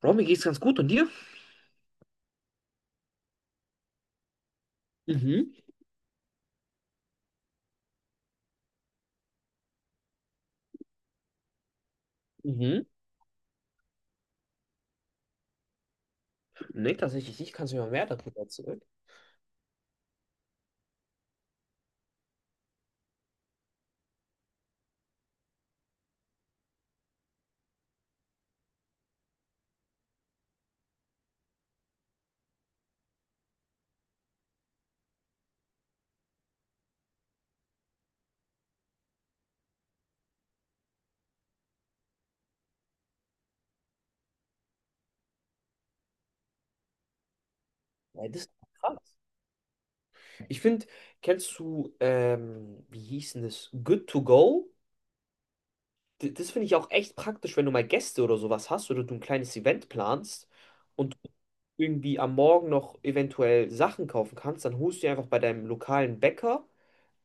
Bro, mir geht's ganz gut. Und dir? Mhm, mhm. Nee, tatsächlich nicht. Kannst du mir mal mehr darüber erzählen? Weil das ist krass. Ich finde, kennst du, wie hieß denn das? Good to go? D das finde ich auch echt praktisch, wenn du mal Gäste oder sowas hast oder du ein kleines Event planst und du irgendwie am Morgen noch eventuell Sachen kaufen kannst, dann holst du dir einfach bei deinem lokalen Bäcker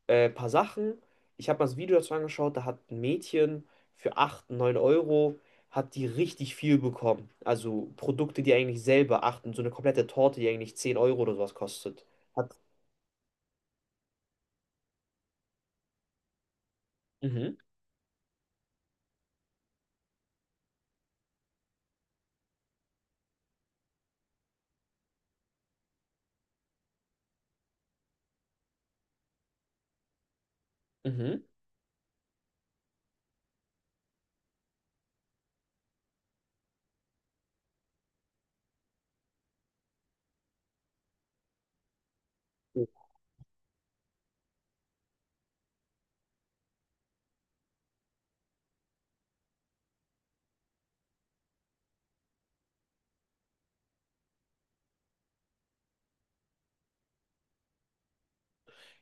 paar Sachen. Ich habe mal das Video dazu angeschaut, da hat ein Mädchen für 8, 9 Euro, hat die richtig viel bekommen. Also Produkte, die eigentlich selber achten, so eine komplette Torte, die eigentlich 10 Euro oder sowas kostet. Hat, mhm, mhm.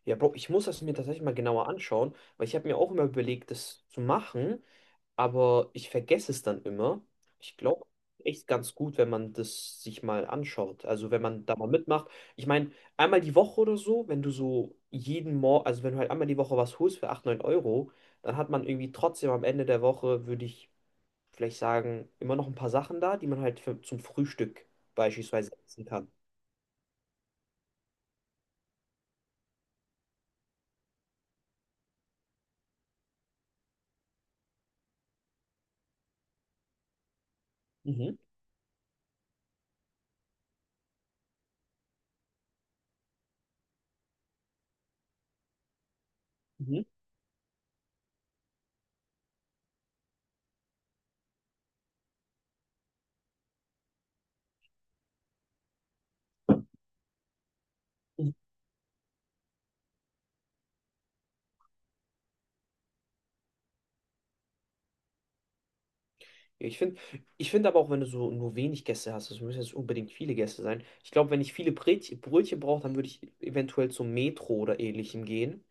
Ja, Bro, ich muss das mir tatsächlich mal genauer anschauen, weil ich habe mir auch immer überlegt, das zu machen, aber ich vergesse es dann immer. Ich glaube, echt ganz gut, wenn man das sich mal anschaut. Also wenn man da mal mitmacht. Ich meine, einmal die Woche oder so, wenn du so jeden Morgen, also wenn du halt einmal die Woche was holst für 8, 9 Euro, dann hat man irgendwie trotzdem am Ende der Woche, würde ich vielleicht sagen, immer noch ein paar Sachen da, die man halt für, zum Frühstück beispielsweise essen kann. Mhm, mhm. Ja, ich finde aber auch, wenn du so nur wenig Gäste hast, es müssen jetzt nicht unbedingt viele Gäste sein. Ich glaube, wenn ich viele Brötchen brauche, dann würde ich eventuell zum Metro oder ähnlichem gehen.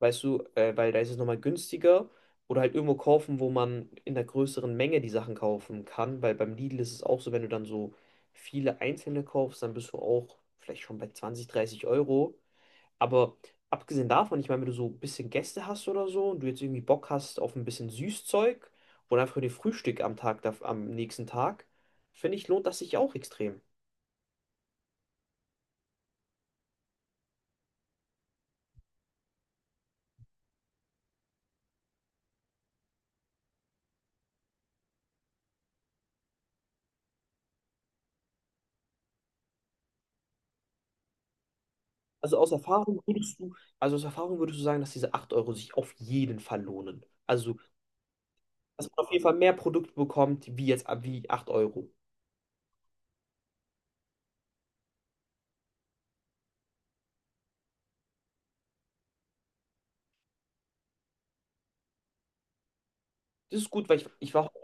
Weißt du, weil da ist es nochmal günstiger. Oder halt irgendwo kaufen, wo man in einer größeren Menge die Sachen kaufen kann. Weil beim Lidl ist es auch so, wenn du dann so viele einzelne kaufst, dann bist du auch vielleicht schon bei 20-30 Euro. Aber abgesehen davon, ich meine, wenn du so ein bisschen Gäste hast oder so und du jetzt irgendwie Bock hast auf ein bisschen Süßzeug oder einfach den Frühstück am Tag, am nächsten Tag, finde ich, lohnt das sich auch extrem. Aus Erfahrung würdest du sagen, dass diese 8 Euro sich auf jeden Fall lohnen. Also, dass man auf jeden Fall mehr Produkte bekommt, wie jetzt, wie 8 Euro. Das ist gut, weil ich, ich war heute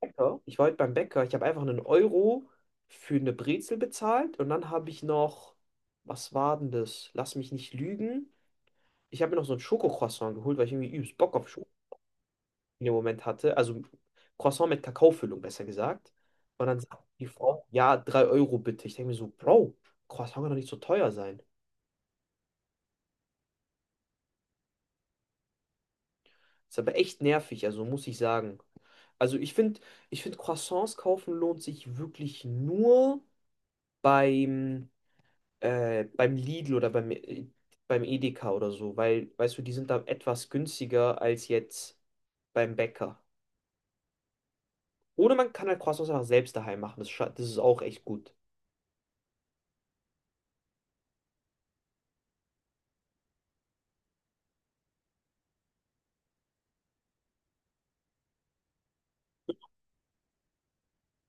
Bäcker, ich war heute beim Bäcker, ich habe einfach 1 Euro für eine Brezel bezahlt und dann habe ich noch, was war denn das? Lass mich nicht lügen. Ich habe mir noch so ein Schokocroissant geholt, weil ich irgendwie übelst Bock auf Schoko in dem Moment hatte. Also Croissant mit Kakaofüllung, besser gesagt. Und dann sagt die Frau, ja, 3 Euro bitte. Ich denke mir so, Bro, Croissant kann doch nicht so teuer sein. Ist aber echt nervig, also muss ich sagen. Also ich finde, Croissants kaufen lohnt sich wirklich nur beim, beim Lidl oder beim Edeka oder so, weil, weißt du, die sind da etwas günstiger als jetzt beim Bäcker. Oder man kann halt Croissants einfach selbst daheim machen. Das ist auch echt gut.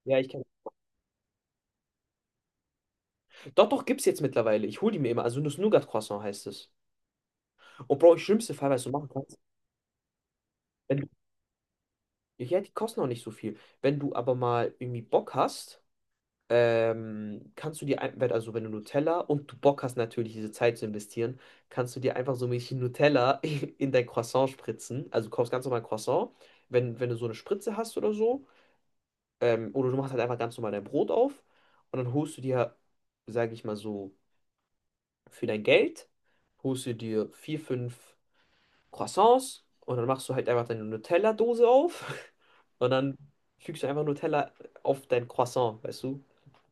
Ja, ich kann. Doch, doch, gibt's jetzt mittlerweile. Ich hole die mir immer. Also Nuss-Nougat-Croissant heißt es. Und Bro, schlimmste Fall, was du machen kannst, wenn du, ja, die kosten auch nicht so viel. Wenn du aber mal irgendwie Bock hast, kannst du dir, also wenn du Nutella und du Bock hast, natürlich diese Zeit zu investieren, kannst du dir einfach so ein bisschen Nutella in dein Croissant spritzen. Also du kaufst ganz normal Croissant, wenn du so eine Spritze hast oder so. Oder du machst halt einfach ganz normal dein Brot auf und dann holst du dir, sage ich mal so, für dein Geld, holst du dir vier, fünf Croissants und dann machst du halt einfach deine Nutella-Dose auf und dann fügst du einfach Nutella auf dein Croissant, weißt du?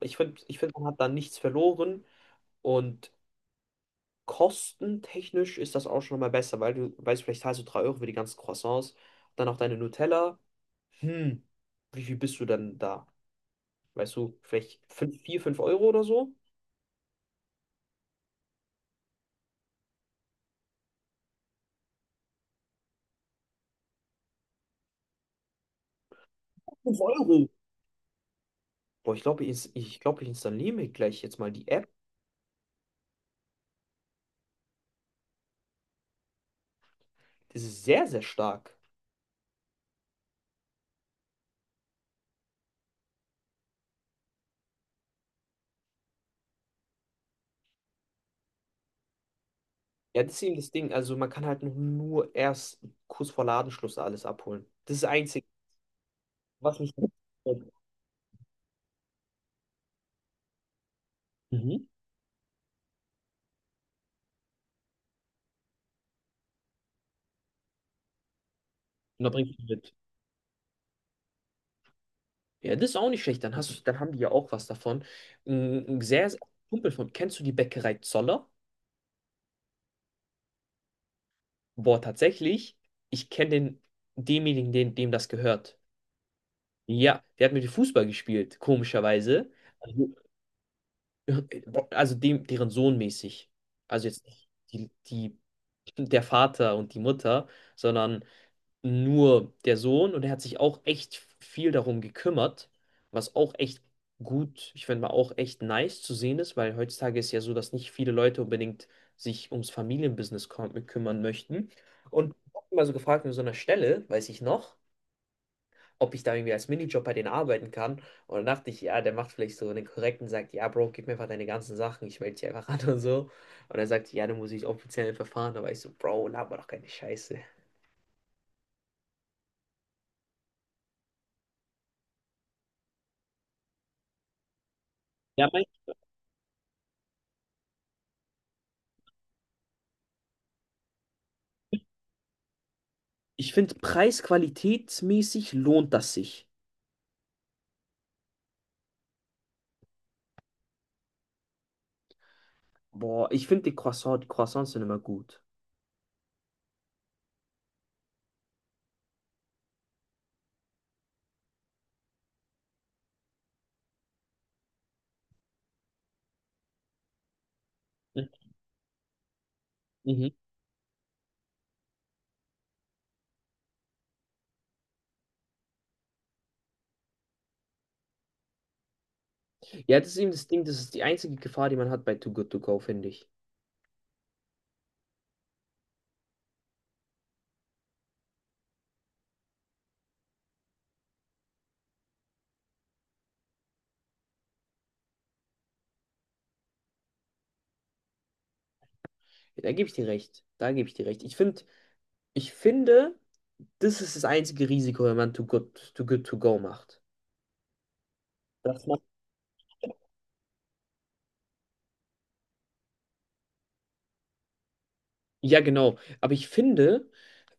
Ich find, man hat da nichts verloren und kostentechnisch ist das auch schon mal besser, weil du weißt, vielleicht zahlst du 3 Euro für die ganzen Croissants, dann auch deine Nutella. Hm, wie viel bist du denn da? Weißt du, vielleicht 5, 4, 5 € oder so? Fünf Euro. Boah, ich glaube, glaub, ich installiere mir gleich jetzt mal die App. Das ist sehr, sehr stark. Ja, das ist eben das Ding. Also man kann halt noch nur erst kurz vor Ladenschluss alles abholen. Das ist das Einzige, was mich. Mhm. Und da bringst du mit. Ja, das ist auch nicht schlecht. Dann hast du, dann haben die ja auch was davon. Ein sehr, sehr Kumpel von, kennst du die Bäckerei Zoller? Boah, tatsächlich. Ich kenne den, demjenigen, den, dem das gehört. Ja, der hat mit mir Fußball gespielt, komischerweise. Also, äh, also dem, deren Sohn mäßig. Also jetzt nicht die, der Vater und die Mutter, sondern nur der Sohn. Und er hat sich auch echt viel darum gekümmert, was auch echt gut, ich finde mal auch echt nice zu sehen ist, weil heutzutage ist ja so, dass nicht viele Leute unbedingt sich ums Familienbusiness kümmern möchten. Und ich habe mal so gefragt, an so einer Stelle, weiß ich noch, ob ich da irgendwie als Minijob bei denen arbeiten kann. Und dann dachte ich, ja, der macht vielleicht so einen korrekten, sagt, ja, Bro, gib mir einfach deine ganzen Sachen, ich melde dich einfach an und so. Und er sagt, ja, dann muss ich offiziell verfahren. Da war ich so, Bro, laber doch keine Scheiße. Ja, ich finde, preis-qualitätsmäßig lohnt das sich. Boah, ich finde die Croissants sind immer gut. Mhm. Ja, das ist eben das Ding, das ist die einzige Gefahr, die man hat bei Too Good To Go, finde ich. Ja, da gebe ich dir recht. Da gebe ich dir recht. Ich finde, das ist das einzige Risiko, wenn man Too Good To Go macht. Dass man, ja, genau. Aber ich finde,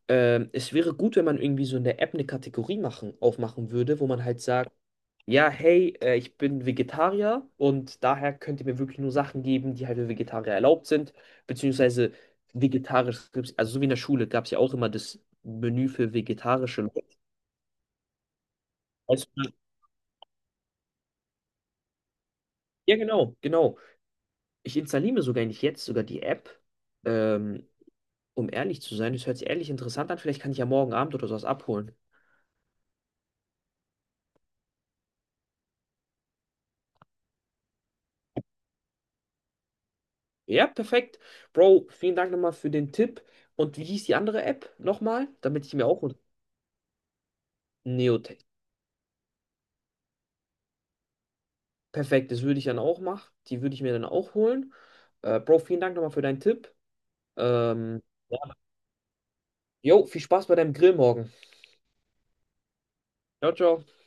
es wäre gut, wenn man irgendwie so in der App eine Kategorie machen, aufmachen würde, wo man halt sagt, ja, hey, ich bin Vegetarier und daher könnt ihr mir wirklich nur Sachen geben, die halt für Vegetarier erlaubt sind, beziehungsweise vegetarisch, also so wie in der Schule gab es ja auch immer das Menü für vegetarische Leute. Also, ja, genau, genau. Ich installiere sogar nicht jetzt sogar die App, ähm, um ehrlich zu sein. Das hört sich ehrlich interessant an. Vielleicht kann ich ja morgen Abend oder sowas abholen. Ja, perfekt. Bro, vielen Dank nochmal für den Tipp. Und wie hieß die andere App nochmal? Damit ich mir auch. Neotech. Perfekt, das würde ich dann auch machen. Die würde ich mir dann auch holen. Bro, vielen Dank nochmal für deinen Tipp. Ähm, ja. Jo, viel Spaß bei deinem Grill morgen. Ciao, ciao.